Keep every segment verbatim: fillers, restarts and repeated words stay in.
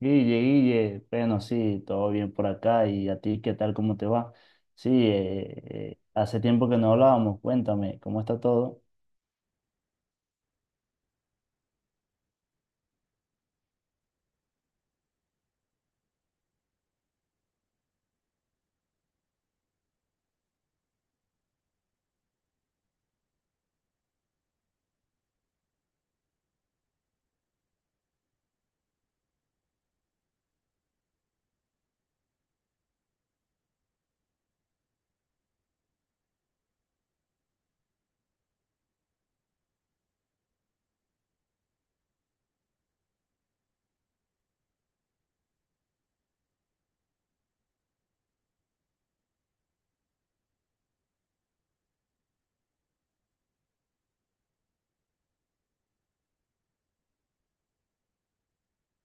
Guille, Guille, bueno, sí, todo bien por acá. ¿Y a ti qué tal? ¿Cómo te va? Sí, eh, eh, hace tiempo que no hablábamos. Cuéntame, ¿cómo está todo?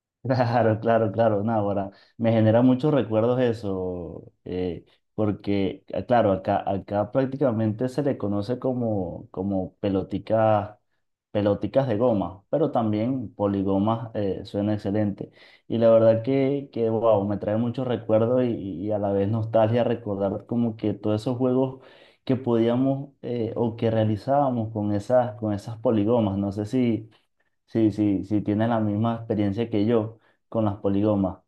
Claro, claro, claro, no, ahora me genera muchos recuerdos eso, eh, porque, ah, claro, acá, acá prácticamente se le conoce como, como, pelotica, peloticas de goma, pero también poligomas eh, suena excelente. Y la verdad que, que wow, me trae muchos recuerdos y, y a la vez nostalgia recordar como que todos esos juegos que podíamos eh, o que realizábamos con esas, con esas poligomas, no sé si. Sí, sí, sí, tiene la misma experiencia que yo con las poligomas.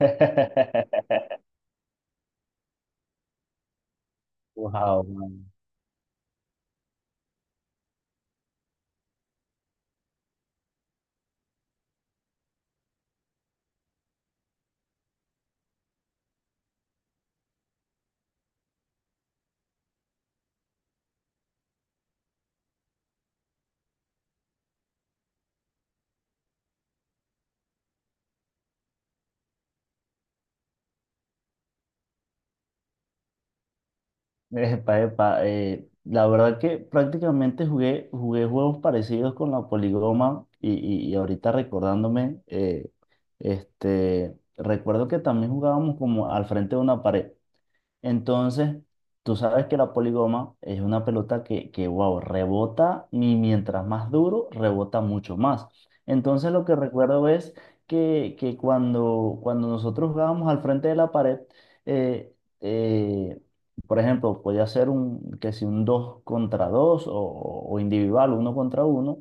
Wow, man. Epa, epa, eh, la verdad que prácticamente jugué, jugué juegos parecidos con la poligoma y, y- y ahorita recordándome, eh, este, recuerdo que también jugábamos como al frente de una pared. Entonces, tú sabes que la poligoma es una pelota que, que, wow, rebota y mientras más duro, rebota mucho más. Entonces, lo que recuerdo es que, que, cuando, cuando nosotros jugábamos al frente de la pared, eh, eh, por ejemplo, podía ser un, que si un dos contra dos o, o individual, uno contra uno,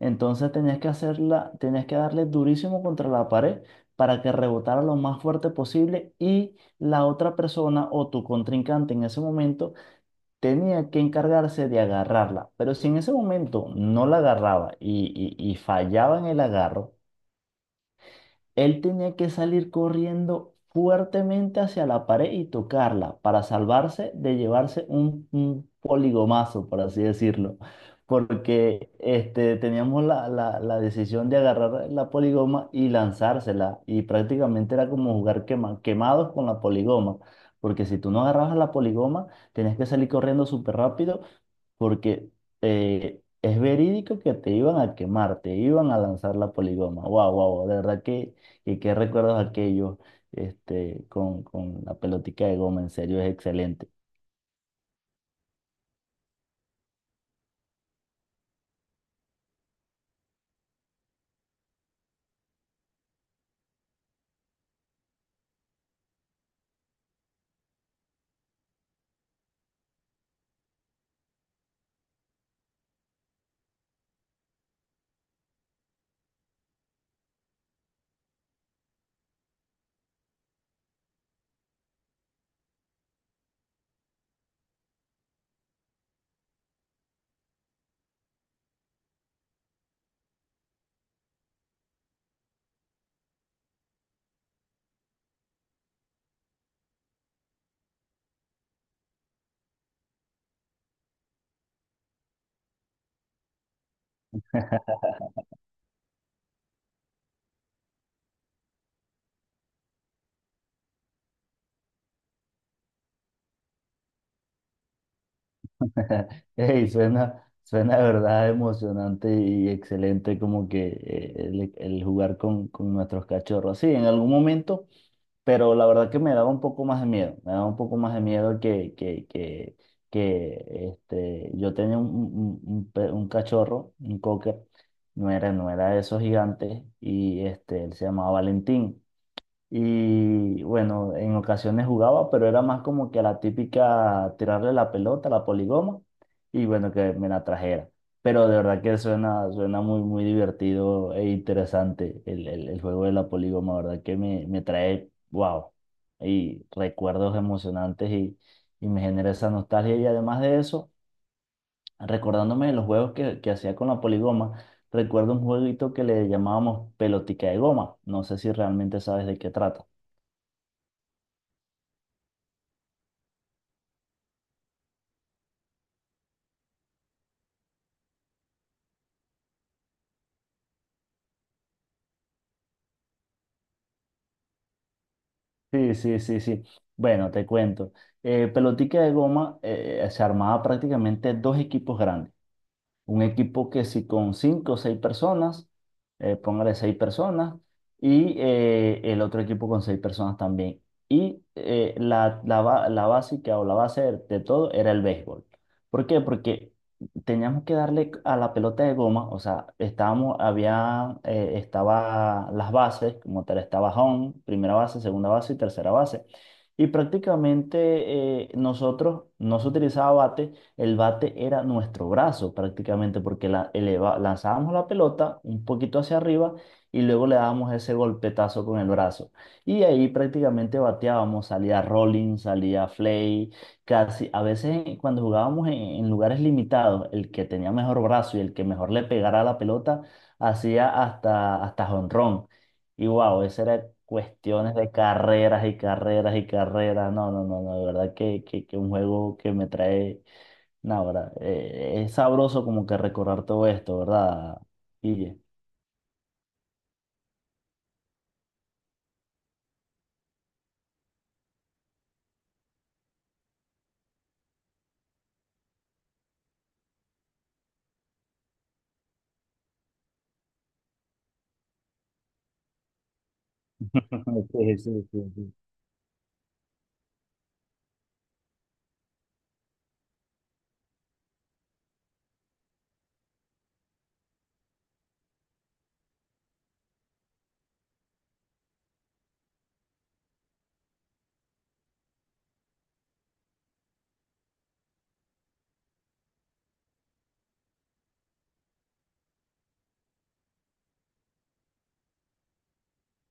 entonces tenías que hacerla, tenías que darle durísimo contra la pared para que rebotara lo más fuerte posible y la otra persona o tu contrincante en ese momento tenía que encargarse de agarrarla. Pero si en ese momento no la agarraba y, y- y fallaba en el agarro, él tenía que salir corriendo fuertemente hacia la pared y tocarla para salvarse de llevarse un, un, poligomazo, por así decirlo. Porque este, teníamos la, la, la decisión de agarrar la poligoma y lanzársela. Y prácticamente era como jugar quema- quemados con la poligoma. Porque si tú no agarrabas la poligoma, tenías que salir corriendo súper rápido porque eh, es verídico que te iban a quemar, te iban a lanzar la poligoma. Wow, wow, de verdad que, que, qué recuerdos aquellos este, con, con la pelotica de goma, en serio, es excelente. Ey, suena, suena de verdad emocionante y excelente como que eh, el, el, jugar con, con nuestros cachorros. Sí, en algún momento. Pero la verdad que me daba un poco más de miedo, me daba un poco más de miedo que, que, que, que este, yo tenía un, un, un pe- un cachorro, un cocker, no era, no era de esos gigantes, y este, él se llamaba Valentín. Y bueno, en ocasiones jugaba, pero era más como que la típica tirarle la pelota, la poligoma, y bueno, que me la trajera. Pero de verdad que suena, suena muy, muy divertido e interesante el, el, el, juego de la poligoma, ¿verdad? Que me, me, trae, wow, y recuerdos emocionantes y, y me genera esa nostalgia. Y además de eso, recordándome de los juegos que, que hacía con la poligoma, recuerdo un jueguito que le llamábamos pelotica de goma. No sé si realmente sabes de qué trata. Sí, sí, sí, sí. Bueno, te cuento. Eh, pelotica de goma eh, se armaba prácticamente dos equipos grandes. Un equipo que si con cinco o seis personas, eh, póngale seis personas, y eh, el otro equipo con seis personas también. Y eh, la, la, ba- la básica o la base de, de todo era el béisbol. ¿Por qué? Porque teníamos que darle a la pelota de goma, o sea, estábamos, había, eh, estaba las bases, como tal, estaba home, primera base, segunda base y tercera base. Y prácticamente eh, nosotros no se utilizaba bate, el bate era nuestro brazo prácticamente, porque la, eleva- lanzábamos la pelota un poquito hacia arriba y luego le dábamos ese golpetazo con el brazo. Y ahí prácticamente bateábamos, salía rolling, salía flay, casi a veces en- cuando jugábamos en, en, lugares limitados, el que tenía mejor brazo y el que mejor le pegara a la pelota hacía hasta, hasta jonrón. Y wow, esa era cuestiones de carreras y carreras y carreras. No, no, no, no, de verdad que, que, que un juego que me trae. No, ¿verdad? Eh, es sabroso como que recordar todo esto, ¿verdad, Guille? Sí, sí, sí, sí.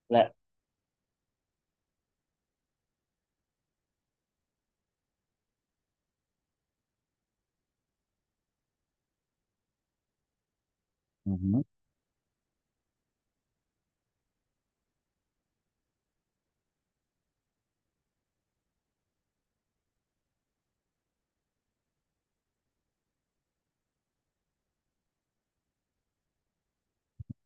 La- Ujú.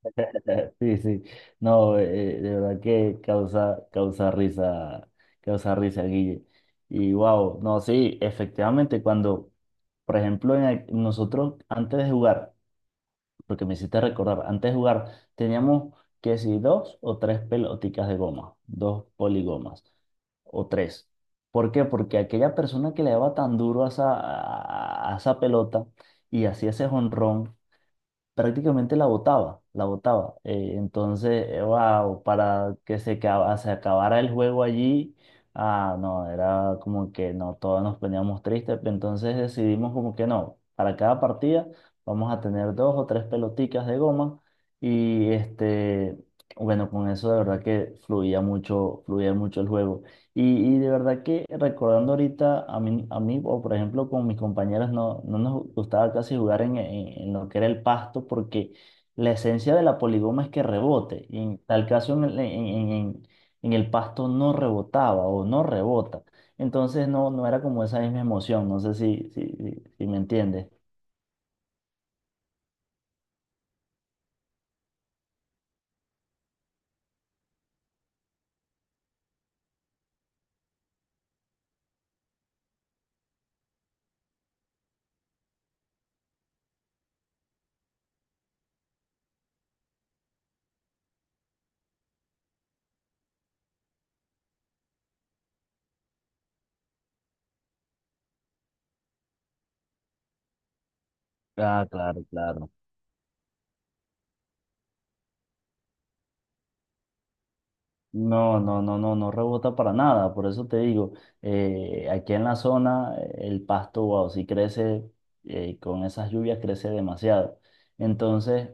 Sí, sí. No, eh, de verdad que causa, causa risa, causa risa, Guille. Y wow, no, sí, efectivamente, cuando, por ejemplo, en el- nosotros antes de jugar, porque me hiciste recordar, antes de jugar teníamos que si dos o tres peloticas de goma, dos poligomas o tres. ¿Por qué? Porque aquella persona que le daba tan duro a esa, a a esa pelota y hacía ese jonrón, prácticamente la botaba, la botaba. Eh, entonces, wow, para que se, acaba- se acabara el juego allí, ah, no, era como que no, todos nos poníamos tristes, entonces decidimos como que no, para cada partida vamos a tener dos o tres peloticas de goma y este, bueno, con eso de verdad que fluía mucho, fluía mucho el juego. Y, y de verdad que recordando ahorita a mí, a mí, o por ejemplo con mis compañeros, no, no nos gustaba casi jugar en, en- en lo que era el pasto porque la esencia de la poligoma es que rebote. Y en tal caso en el, en, en- en- en el pasto no rebotaba o no rebota. Entonces no, no era como esa misma emoción. No sé si, si, si, si me entiendes. Ah, claro, claro. No, no, no, no, no rebota para nada. Por eso te digo, eh, aquí en la zona eh, el pasto, wow, si crece eh, con esas lluvias crece demasiado. Entonces,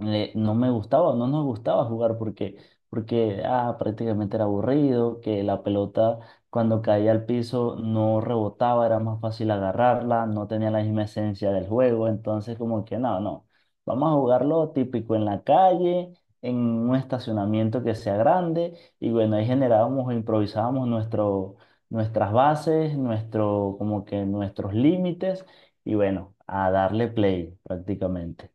le- no me gustaba, no nos gustaba jugar porque, porque ah, prácticamente era aburrido, que la pelota cuando caía al piso no rebotaba, era más fácil agarrarla, no tenía la misma esencia del juego, entonces como que no, no, vamos a jugarlo típico en la calle, en un estacionamiento que sea grande y bueno, ahí generábamos e improvisábamos nuestro, nuestras bases, nuestro, como que nuestros límites y bueno, a darle play prácticamente.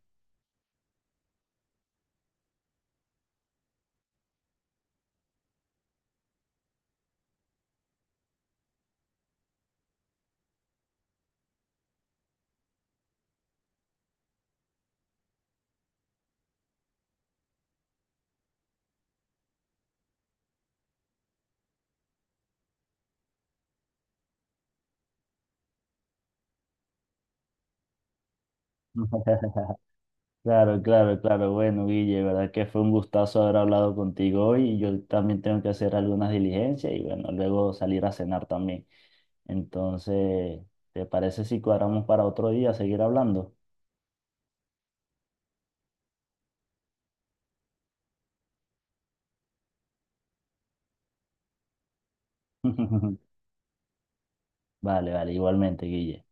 Claro, claro, claro. Bueno, Guille, verdad que fue un gustazo haber hablado contigo hoy. Yo también tengo que hacer algunas diligencias y bueno, luego salir a cenar también. Entonces, ¿te parece si cuadramos para otro día seguir hablando? Vale, vale, igualmente, Guille.